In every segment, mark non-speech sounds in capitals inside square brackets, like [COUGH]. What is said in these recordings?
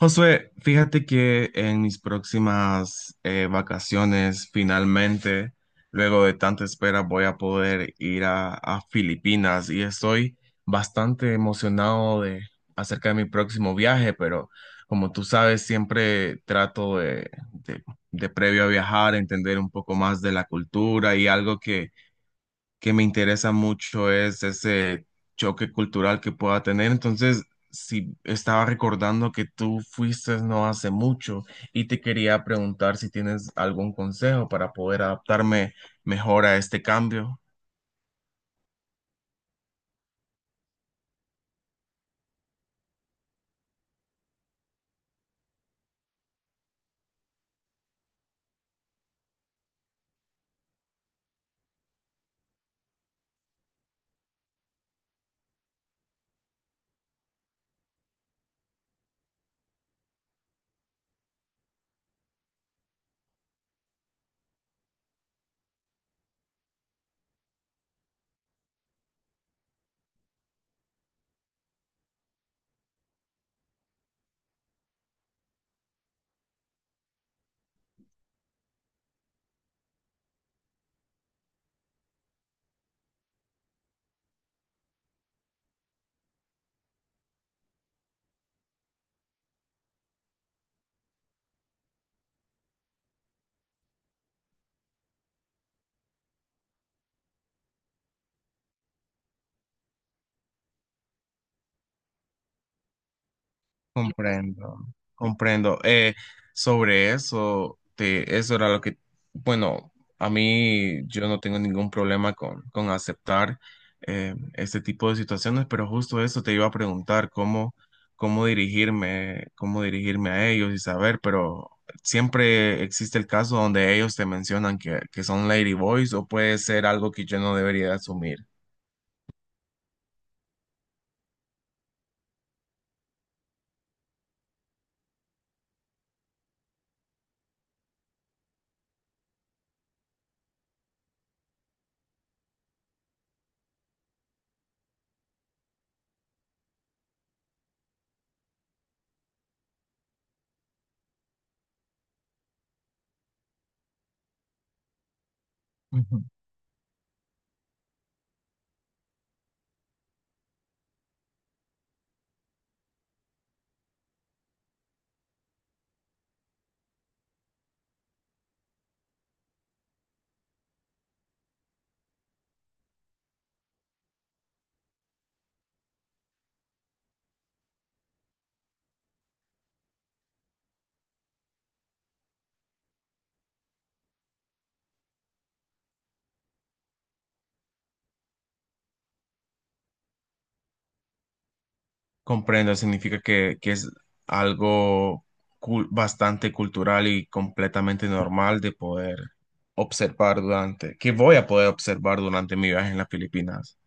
Josué, fíjate que en mis próximas vacaciones, finalmente, luego de tanta espera, voy a poder ir a Filipinas y estoy bastante emocionado de acerca de mi próximo viaje, pero como tú sabes, siempre trato de previo a viajar, entender un poco más de la cultura y algo que me interesa mucho es ese choque cultural que pueda tener. Entonces, si estaba recordando que tú fuiste no hace mucho y te quería preguntar si tienes algún consejo para poder adaptarme mejor a este cambio. Comprendo, comprendo. Sobre eso, eso era lo que, bueno, a mí yo no tengo ningún problema con aceptar este tipo de situaciones, pero justo eso te iba a preguntar, cómo dirigirme a ellos y saber, pero siempre existe el caso donde ellos te mencionan que son ladyboys o puede ser algo que yo no debería asumir. Comprendo, significa que es algo bastante cultural y completamente normal de poder observar que voy a poder observar durante mi viaje en las Filipinas.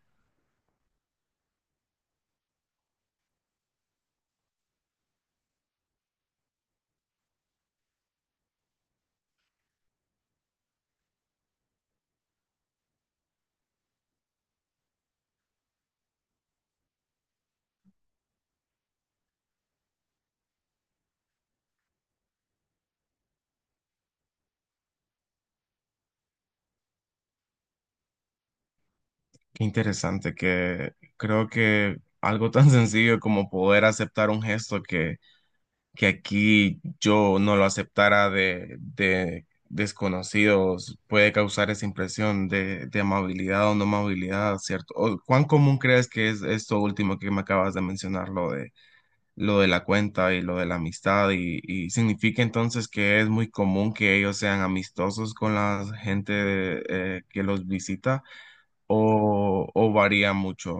Qué interesante, que creo que algo tan [LAUGHS] sencillo como poder aceptar un gesto que aquí yo no lo aceptara de desconocidos puede causar esa impresión de amabilidad o no amabilidad, ¿cierto? ¿O cuán común crees que es esto último que me acabas de mencionar, lo de la cuenta y lo de la amistad? Y significa entonces que es muy común que ellos sean amistosos con la gente que los visita o, ¿o varía mucho?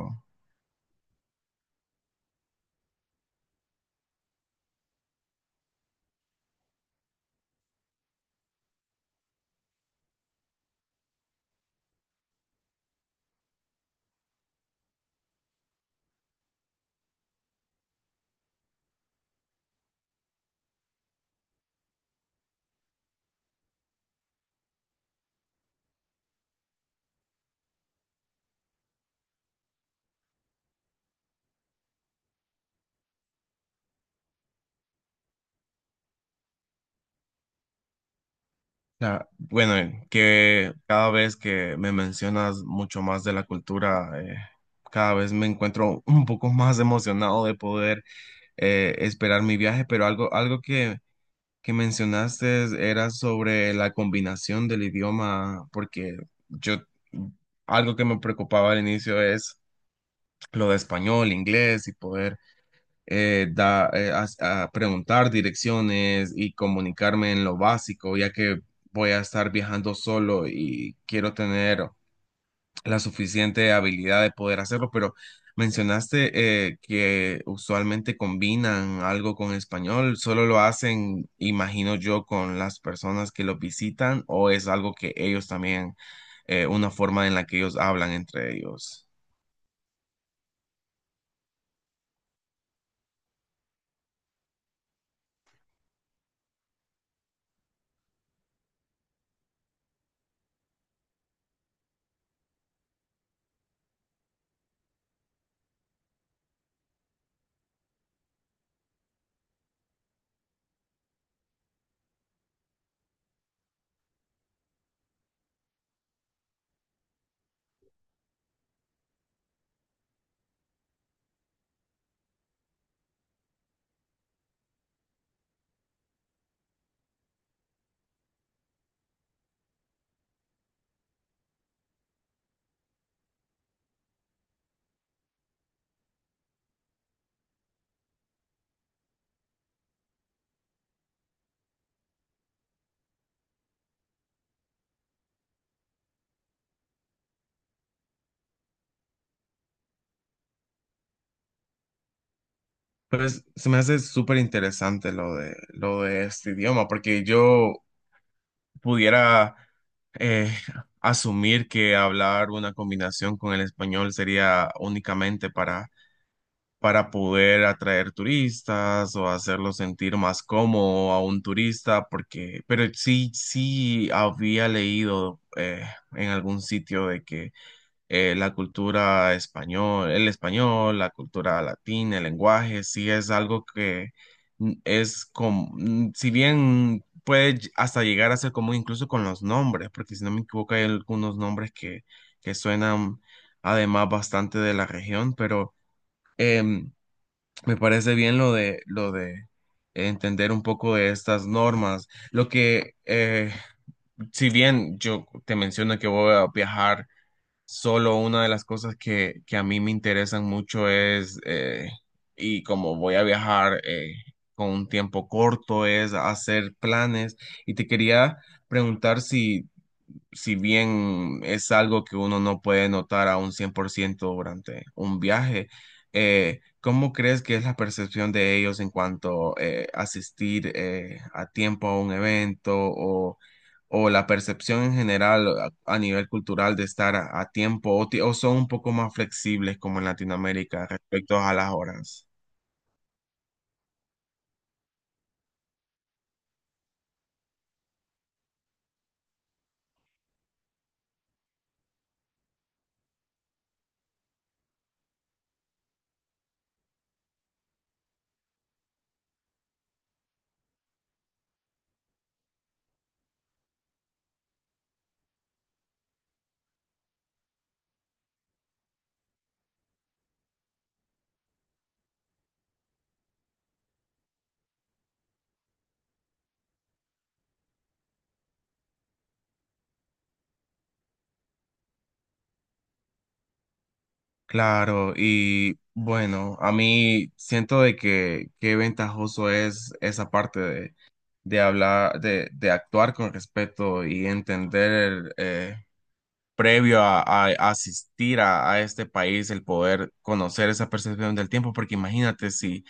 Ah, bueno, que cada vez que me mencionas mucho más de la cultura, cada vez me encuentro [LAUGHS] un poco más emocionado de poder esperar mi viaje, pero algo, algo que mencionaste era sobre la combinación del idioma, porque yo, algo que me preocupaba al inicio es lo de español, inglés y poder a preguntar direcciones y comunicarme en lo básico, ya que voy a estar viajando solo y quiero tener la suficiente habilidad de poder hacerlo, pero mencionaste que usualmente combinan algo con español. ¿Solo lo hacen, imagino yo, con las personas que los visitan o es algo que ellos también, una forma en la que ellos hablan entre ellos? Pues se me hace súper interesante lo de este idioma, porque yo pudiera eh, asumir que hablar una combinación con el español sería únicamente para poder atraer turistas o hacerlo sentir más cómodo a un turista, porque, pero sí, sí había leído en algún sitio de que la cultura español, el español, la cultura latina, el lenguaje, sí es algo que es como, si bien puede hasta llegar a ser común incluso con los nombres, porque si no me equivoco hay algunos nombres que suenan además bastante de la región, pero em, me parece bien lo de entender un poco de estas normas. Lo que, si bien yo te menciono que voy a viajar, solo una de las cosas que a mí me interesan mucho es, y como voy a viajar con un tiempo corto, es hacer planes. Y te quería preguntar si, si bien es algo que uno no puede notar a un 100% durante un viaje, ¿cómo crees que es la percepción de ellos en cuanto asistir a tiempo a un evento o la percepción en general a nivel cultural de estar a tiempo o, o son un poco más flexibles como en Latinoamérica respecto a las horas? Claro, y bueno, a mí siento de que qué ventajoso es esa parte de hablar, de actuar con respeto y entender previo a asistir a este país el poder conocer esa percepción del tiempo, porque imagínate si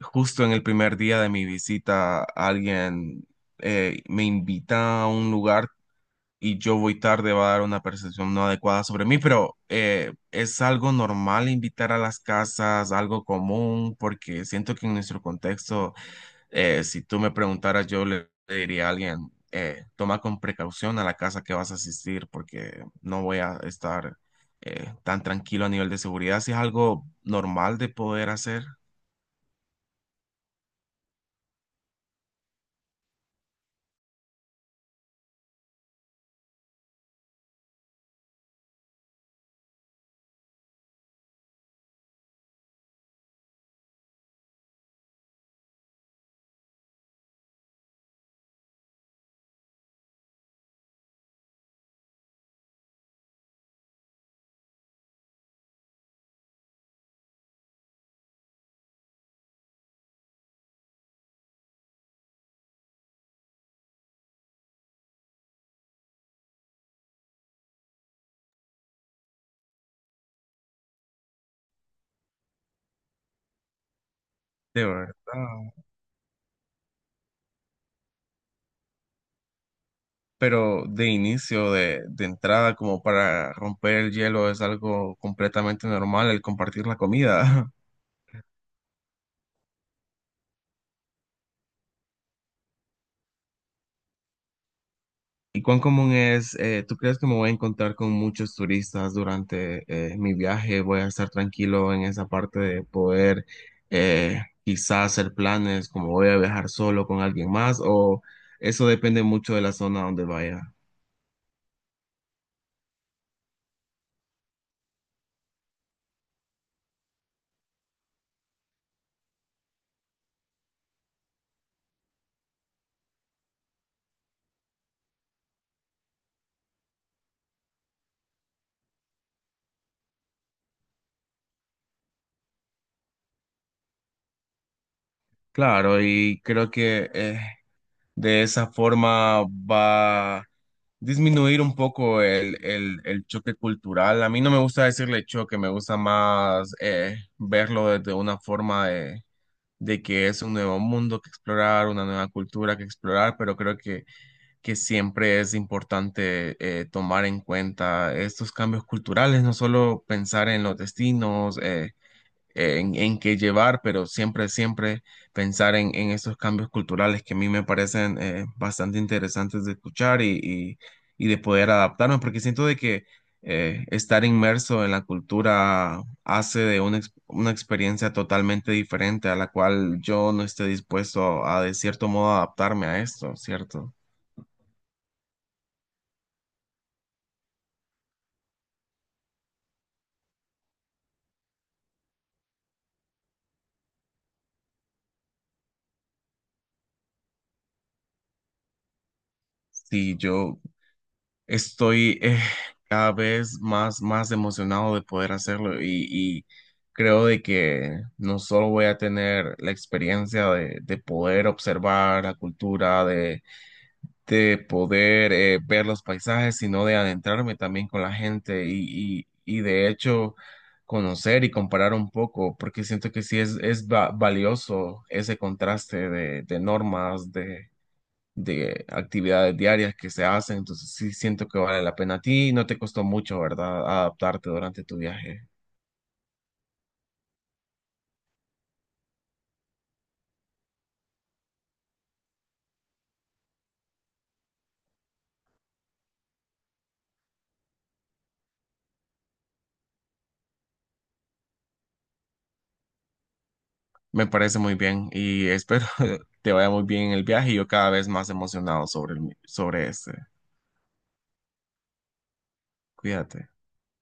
justo en el primer día de mi visita alguien me invita a un lugar y yo voy tarde, va a dar una percepción no adecuada sobre mí, pero ¿es algo normal invitar a las casas, algo común? Porque siento que en nuestro contexto si tú me preguntaras, yo le diría a alguien, toma con precaución a la casa que vas a asistir porque no voy a estar tan tranquilo a nivel de seguridad. Si es algo normal de poder hacer, de verdad. Pero de inicio, de entrada, como para romper el hielo, es algo completamente normal el compartir la comida. [LAUGHS] ¿Y cuán común es, tú crees que me voy a encontrar con muchos turistas durante mi viaje? ¿Voy a estar tranquilo en esa parte de poder quizás hacer planes como voy a viajar solo con alguien más? ¿O eso depende mucho de la zona donde vaya? Claro, y creo que de esa forma va a disminuir un poco el choque cultural. A mí no me gusta decirle choque, me gusta más verlo desde una forma de que es un nuevo mundo que explorar, una nueva cultura que explorar, pero creo que siempre es importante tomar en cuenta estos cambios culturales, no solo pensar en los destinos, en qué llevar, pero siempre, siempre pensar en esos cambios culturales que a mí me parecen bastante interesantes de escuchar y de poder adaptarme, porque siento de que estar inmerso en la cultura hace de una experiencia totalmente diferente a la cual yo no esté dispuesto a, de cierto modo adaptarme a esto, ¿cierto? Si yo estoy cada vez más, más emocionado de poder hacerlo y creo de que no solo voy a tener la experiencia de poder observar la cultura, de poder ver los paisajes, sino de adentrarme también con la gente y de hecho conocer y comparar un poco, porque siento que sí es, valioso ese contraste de normas, de actividades diarias que se hacen, entonces sí siento que vale la pena. A ti no te costó mucho, ¿verdad? Adaptarte durante tu viaje. Me parece muy bien y espero [LAUGHS] te vaya muy bien en el viaje y yo cada vez más emocionado sobre sobre este. Cuídate.